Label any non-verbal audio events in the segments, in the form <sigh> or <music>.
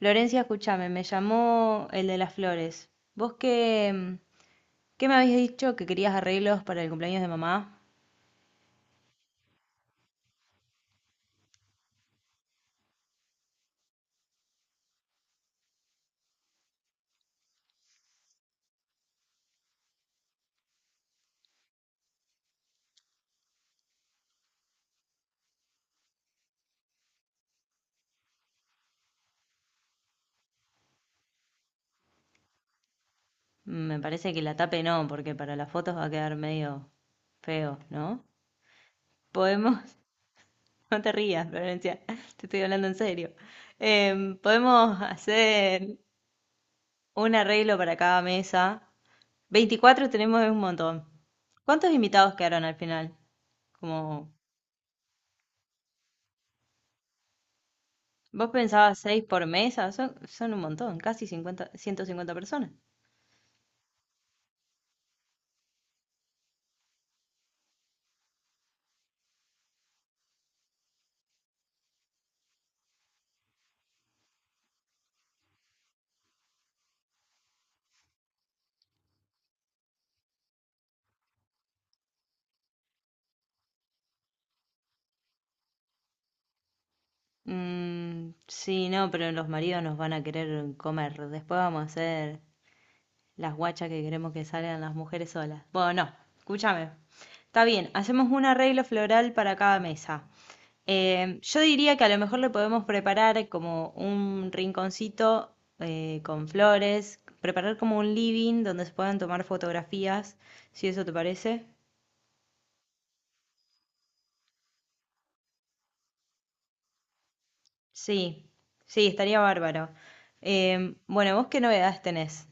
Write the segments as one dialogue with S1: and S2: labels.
S1: Lorencia, escúchame, me llamó el de las flores. ¿Vos qué, qué me habías dicho que querías arreglos para el cumpleaños de mamá? Me parece que la tape no, porque para las fotos va a quedar medio feo, ¿no? Podemos... <laughs> no te rías, Florencia, <laughs> te estoy hablando en serio. Podemos hacer un arreglo para cada mesa. 24 tenemos, es un montón. ¿Cuántos invitados quedaron al final? Como... Vos pensabas seis por mesa, son un montón, casi 50, 150 personas. Mm, sí, no, pero los maridos nos van a querer comer. Después vamos a hacer las guachas que queremos que salgan las mujeres solas. Bueno, no, escúchame. Está bien, hacemos un arreglo floral para cada mesa. Yo diría que a lo mejor le podemos preparar como un rinconcito con flores, preparar como un living donde se puedan tomar fotografías, si eso te parece. Sí, sí, estaría bárbaro. Bueno, ¿vos qué novedades tenés?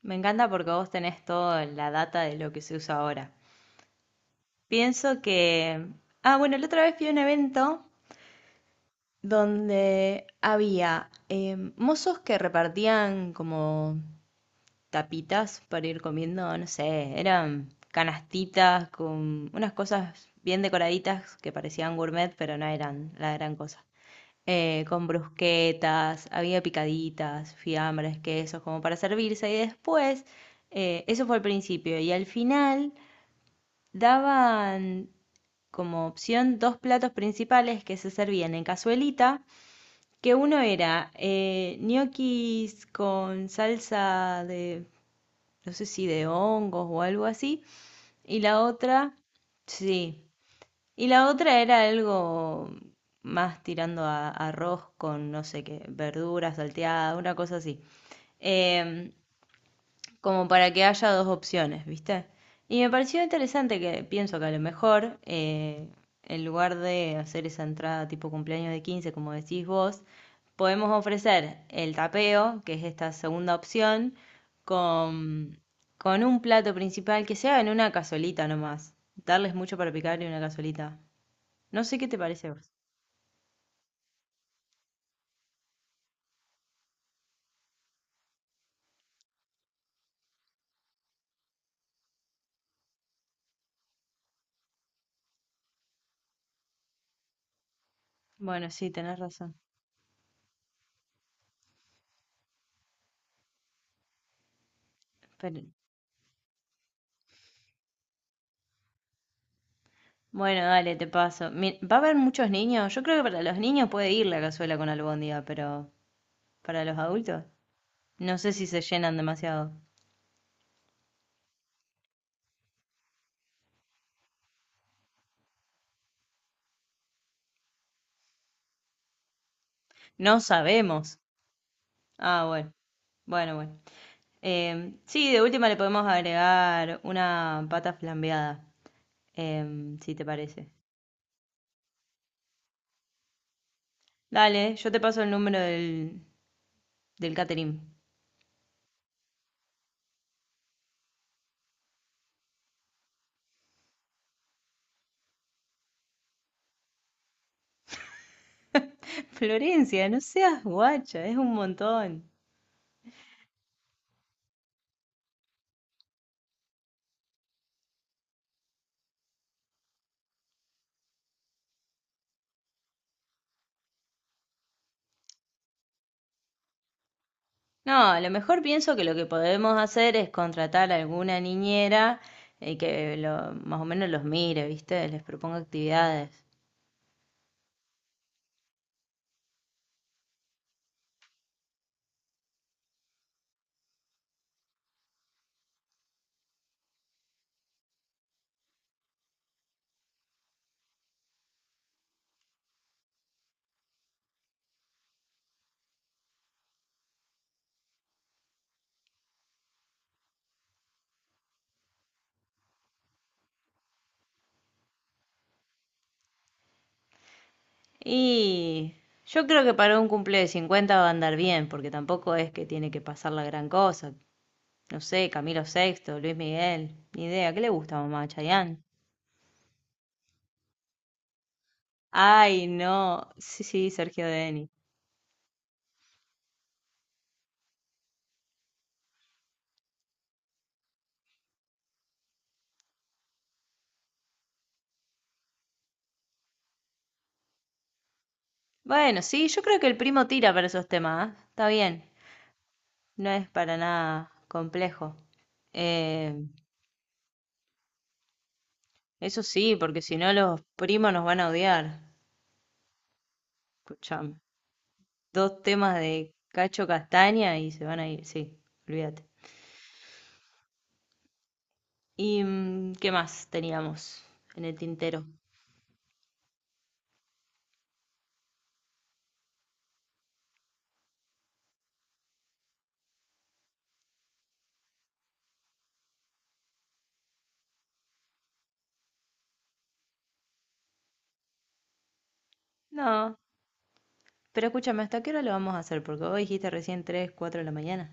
S1: Me encanta porque vos tenés toda la data de lo que se usa ahora. Pienso que... Ah, bueno, la otra vez fui a un evento donde había mozos que repartían como tapitas para ir comiendo, no sé, eran canastitas con unas cosas bien decoraditas que parecían gourmet, pero no eran la gran cosa. Con brusquetas, había picaditas, fiambres, quesos, como para servirse. Y después, eso fue al principio. Y al final daban como opción dos platos principales que se servían en cazuelita, que uno era ñoquis con salsa de, no sé si de hongos o algo así, y la otra, sí, y la otra era algo más tirando a arroz con, no sé qué, verdura salteada, una cosa así. Em, Como para que haya dos opciones, ¿viste? Y me pareció interesante, que pienso que a lo mejor, en lugar de hacer esa entrada tipo cumpleaños de 15 como decís vos, podemos ofrecer el tapeo, que es esta segunda opción, con, con un plato principal que sea en una cazolita nomás. Darles mucho para picar y una cazolita. No sé qué te parece a vos. Bueno, sí, tenés razón. Pero... Bueno, dale, te paso. Mi... ¿Va a haber muchos niños? Yo creo que para los niños puede ir la cazuela con albóndiga, pero para los adultos, no sé si se llenan demasiado. No sabemos. Ah, bueno, bueno, bueno. Sí, de última le podemos agregar una pata flambeada, si te parece. Dale, yo te paso el número del catering. <laughs> Florencia, no seas guacha, es un montón. No, a lo mejor pienso que lo que podemos hacer es contratar a alguna niñera y que lo, más o menos los mire, ¿viste? Les proponga actividades. Y yo creo que para un cumple de 50 va a andar bien, porque tampoco es que tiene que pasar la gran cosa. No sé, Camilo Sexto, Luis Miguel, ni idea. ¿Qué le gusta a mamá? ¿Chayanne? Ay, no. Sí, sí, Sergio Denis. Bueno, sí, yo creo que el primo tira para esos temas, ¿ah? Está bien. No es para nada complejo. Eh... Eso sí, porque si no los primos nos van a odiar. Escuchame. Dos temas de Cacho Castaña y se van a ir. Sí, olvídate. ¿Y mm, qué más teníamos en el tintero? No, pero escúchame, ¿hasta qué hora lo vamos a hacer? Porque vos dijiste recién tres, 4 de la mañana.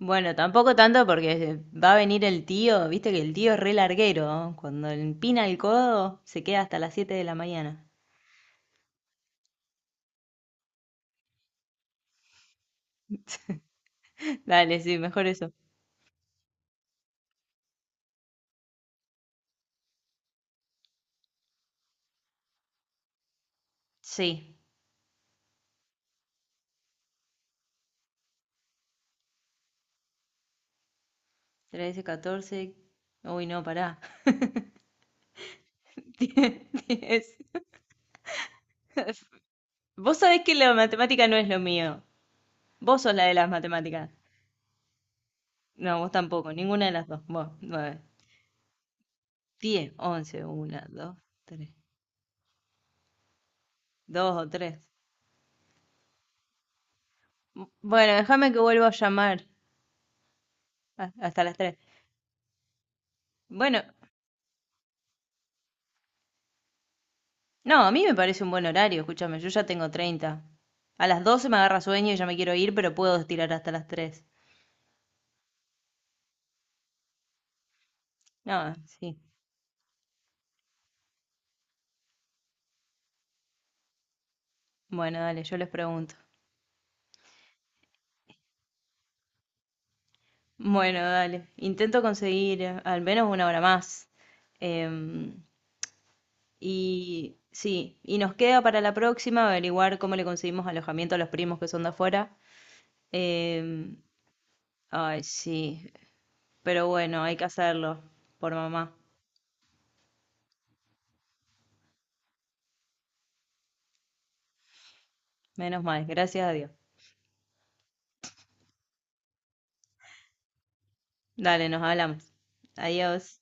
S1: Bueno, tampoco tanto porque va a venir el tío, viste que el tío es re larguero, ¿no? Cuando le empina el codo se queda hasta las 7 de la mañana. <laughs> Dale, sí, mejor eso. Sí, 13, 14... Uy, no, pará. <laughs> Tienes... Vos sabés que la matemática no es lo mío. Vos sos la de las matemáticas. No, vos tampoco, ninguna de las dos. Vos, 9, 10, 11, una, dos, tres, dos o tres. Bueno, déjame que vuelva a llamar a... hasta las tres. Bueno, no, a mí me parece un buen horario, escúchame, yo ya tengo 30. A las 12 me agarra sueño y ya me quiero ir, pero puedo estirar hasta las tres. No, sí. Bueno, dale, yo les pregunto. Bueno, dale. Intento conseguir al menos una hora más. Em, y sí, y nos queda para la próxima averiguar cómo le conseguimos alojamiento a los primos que son de afuera. Em... ay, sí. Pero bueno, hay que hacerlo por mamá. Menos mal, gracias a Dios. Dale, nos hablamos. Adiós.